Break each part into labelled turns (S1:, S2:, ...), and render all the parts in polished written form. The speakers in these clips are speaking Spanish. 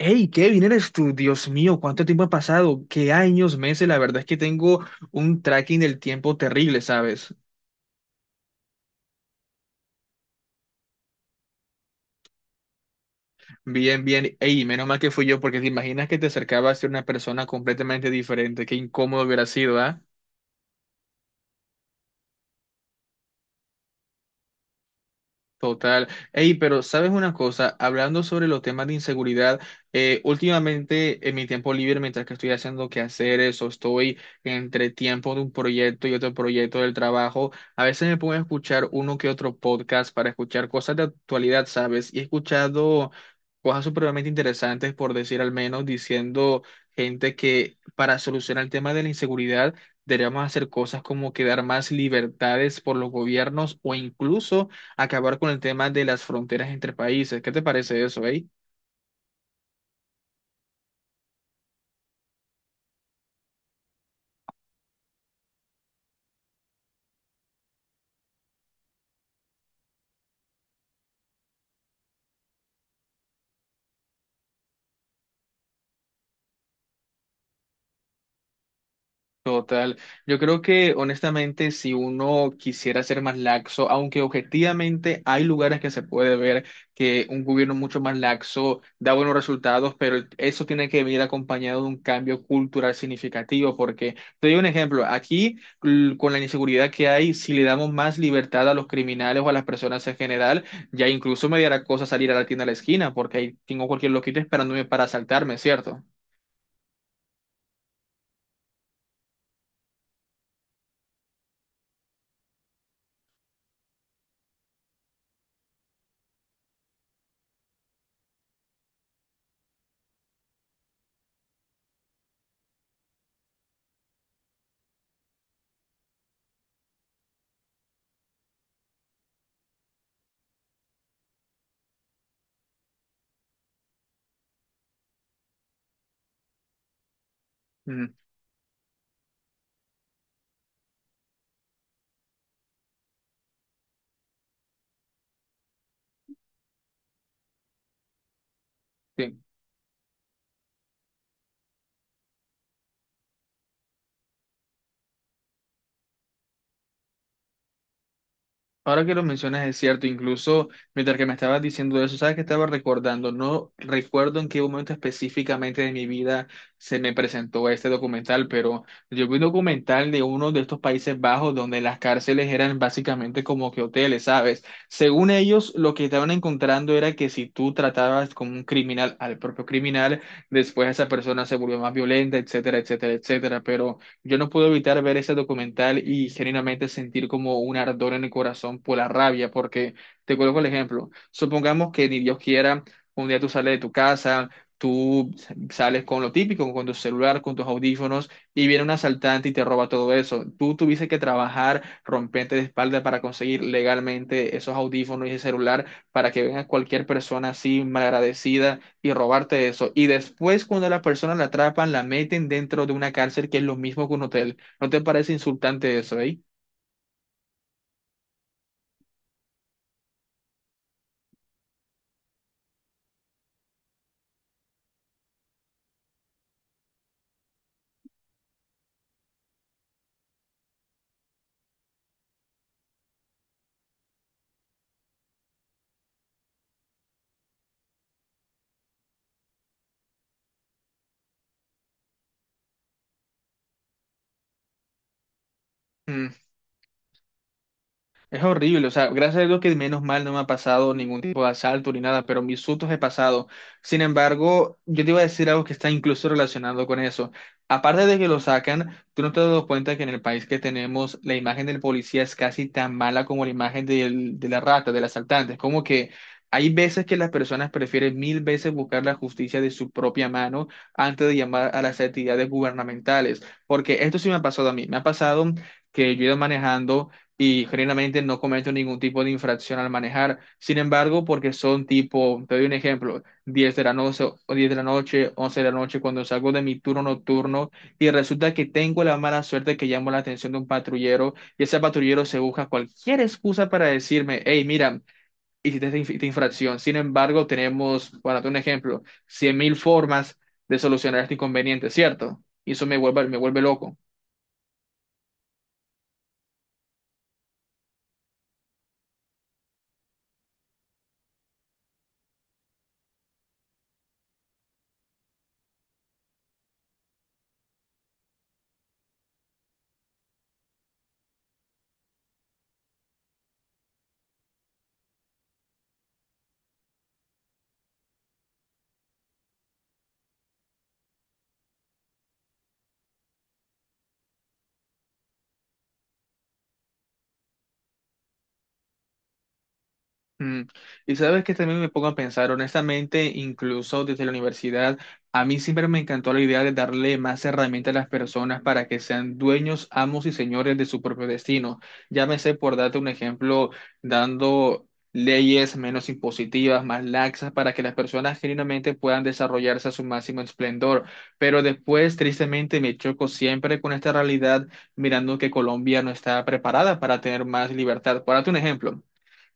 S1: Hey, Kevin, eres tú, Dios mío, cuánto tiempo ha pasado, qué años, meses, la verdad es que tengo un tracking del tiempo terrible, ¿sabes? Bien, bien, hey, menos mal que fui yo, porque te imaginas que te acercabas a ser una persona completamente diferente, qué incómodo hubiera sido, ¿ah? Total. Ey, pero sabes una cosa, hablando sobre los temas de inseguridad, últimamente en mi tiempo libre, mientras que estoy haciendo quehaceres o estoy entre tiempo de un proyecto y otro proyecto del trabajo, a veces me pongo a escuchar uno que otro podcast para escuchar cosas de actualidad, ¿sabes? Y he escuchado cosas supremamente interesantes, por decir al menos, diciendo gente que para solucionar el tema de la inseguridad deberíamos hacer cosas como que dar más libertades por los gobiernos o incluso acabar con el tema de las fronteras entre países. ¿Qué te parece eso, eh? Total. Yo creo que honestamente si uno quisiera ser más laxo, aunque objetivamente hay lugares que se puede ver que un gobierno mucho más laxo da buenos resultados, pero eso tiene que venir acompañado de un cambio cultural significativo, porque te doy un ejemplo, con la inseguridad que hay, si le damos más libertad a los criminales o a las personas en general, ya incluso me dará cosa salir a la tienda de la esquina, porque ahí tengo cualquier loquito esperándome para asaltarme, ¿cierto? Mm. Sí. Ahora que lo mencionas es cierto, incluso mientras que me estabas diciendo eso, sabes que estaba recordando, no recuerdo en qué momento específicamente de mi vida se me presentó este documental, pero yo vi un documental de uno de estos Países Bajos donde las cárceles eran básicamente como que hoteles, ¿sabes? Según ellos, lo que estaban encontrando era que si tú tratabas como un criminal al propio criminal, después esa persona se volvió más violenta, etcétera, etcétera, etcétera, pero... yo no puedo evitar ver ese documental y genuinamente sentir como un ardor en el corazón por la rabia, porque te coloco el ejemplo. Supongamos que ni Dios quiera, un día tú sales de tu casa, tú sales con lo típico, con tu celular, con tus audífonos, y viene un asaltante y te roba todo eso. Tú tuviste que trabajar, romperte de espalda para conseguir legalmente esos audífonos y ese celular para que venga cualquier persona así, malagradecida y robarte eso. Y después, cuando la persona la atrapan, la meten dentro de una cárcel que es lo mismo que un hotel. ¿No te parece insultante eso, eh? Es horrible, o sea, gracias a Dios que menos mal no me ha pasado ningún tipo de asalto ni nada, pero mis sustos he pasado. Sin embargo, yo te iba a decir algo que está incluso relacionado con eso. Aparte de que lo sacan, tú no te has dado cuenta que en el país que tenemos la imagen del policía es casi tan mala como la imagen de la rata, del asaltante. Es como que hay veces que las personas prefieren mil veces buscar la justicia de su propia mano antes de llamar a las entidades gubernamentales, porque esto sí me ha pasado a mí, me ha pasado que yo he ido manejando y generalmente no cometo ningún tipo de infracción al manejar. Sin embargo, porque son tipo, te doy un ejemplo, 10 de la noche, o 10 de la noche, 11 de la noche, cuando salgo de mi turno nocturno y resulta que tengo la mala suerte que llamo la atención de un patrullero y ese patrullero se busca cualquier excusa para decirme, hey, mira, hiciste esta infracción. Sin embargo, tenemos, para darte un ejemplo, 100.000 formas de solucionar este inconveniente, ¿cierto? Y eso me vuelve loco. Mm, Y sabes que también me pongo a pensar, honestamente, incluso desde la universidad, a mí siempre me encantó la idea de darle más herramientas a las personas para que sean dueños, amos y señores de su propio destino. Llámese, por darte un ejemplo, dando leyes menos impositivas, más laxas, para que las personas genuinamente puedan desarrollarse a su máximo esplendor. Pero después, tristemente, me choco siempre con esta realidad, mirando que Colombia no está preparada para tener más libertad. Por darte un ejemplo.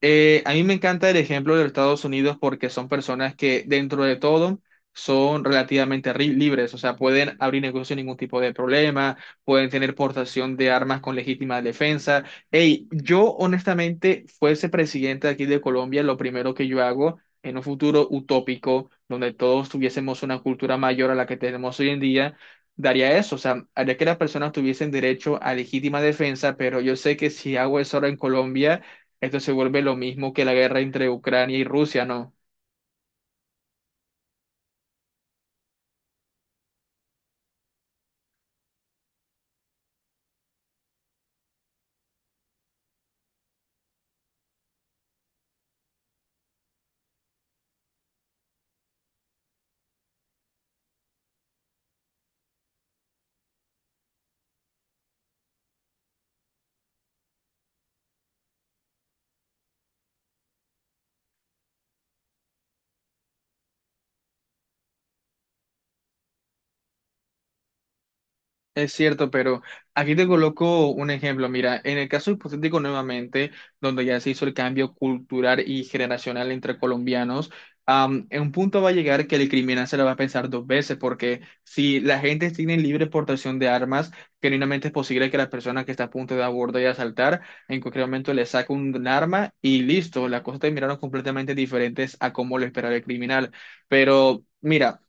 S1: A mí me encanta el ejemplo de los Estados Unidos porque son personas que dentro de todo son libres, o sea, pueden abrir negocios sin ningún tipo de problema, pueden tener portación de armas con legítima defensa. Hey, yo honestamente fuese presidente aquí de Colombia, lo primero que yo hago en un futuro utópico donde todos tuviésemos una cultura mayor a la que tenemos hoy en día, daría eso, o sea, haría que las personas tuviesen derecho a legítima defensa, pero yo sé que si hago eso ahora en Colombia esto se vuelve lo mismo que la guerra entre Ucrania y Rusia, ¿no? Es cierto, pero aquí te coloco un ejemplo. Mira, en el caso hipotético nuevamente, donde ya se hizo el cambio cultural y generacional entre colombianos, en un punto va a llegar que el criminal se lo va a pensar dos veces, porque si la gente tiene libre portación de armas, genuinamente es posible que la persona que está a punto de abordar y asaltar, en cualquier momento le saque un arma y listo, las cosas terminaron completamente diferentes a como lo esperaba el criminal. Pero... mira,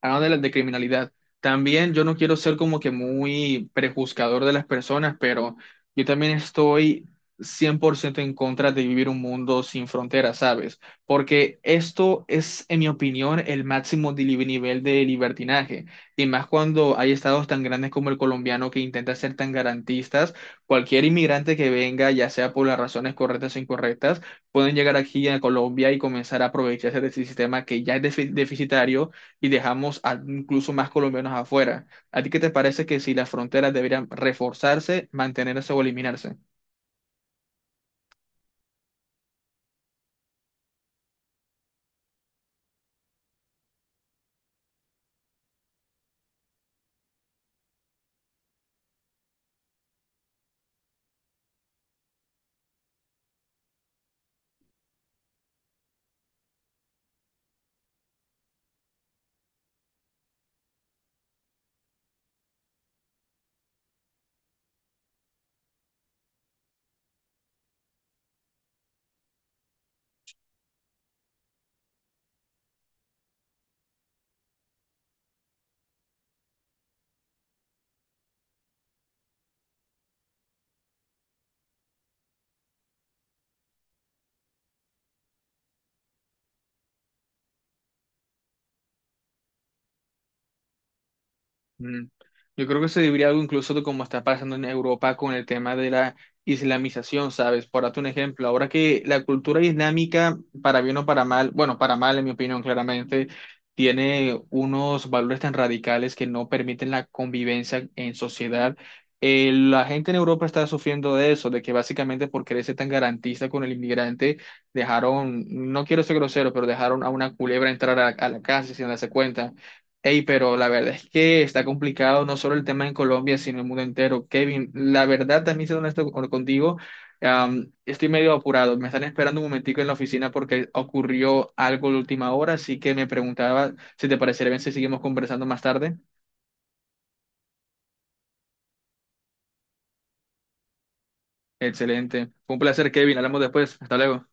S1: de criminalidad, también yo no quiero ser como que muy prejuzgador de las personas, pero yo también estoy 100% en contra de vivir un mundo sin fronteras, ¿sabes? Porque esto es, en mi opinión, el máximo nivel de libertinaje. Y más cuando hay estados tan grandes como el colombiano que intenta ser tan garantistas, cualquier inmigrante que venga, ya sea por las razones correctas o incorrectas, pueden llegar aquí a Colombia y comenzar a aprovecharse de ese sistema que ya es deficitario y incluso más colombianos afuera. ¿A ti qué te parece que si las fronteras deberían reforzarse, mantenerse o eliminarse? Mm. Yo creo que se debería algo incluso de cómo está pasando en Europa con el tema de la islamización, ¿sabes? Por darte un ejemplo, ahora que la cultura islámica, para bien o para mal, bueno, para mal en mi opinión claramente, tiene unos valores tan radicales que no permiten la convivencia en sociedad. La gente en Europa está sufriendo de eso, de que básicamente por querer ser tan garantista con el inmigrante, dejaron, no quiero ser grosero, pero dejaron a una culebra entrar a la casa sin darse cuenta. Ey, pero la verdad es que está complicado no solo el tema en Colombia, sino el mundo entero. Kevin, la verdad también siendo honesto contigo, estoy medio apurado. Me están esperando un momentico en la oficina porque ocurrió algo de última hora, así que me preguntaba si te parecería bien si seguimos conversando más tarde. Excelente. Fue un placer, Kevin. Hablamos después. Hasta luego.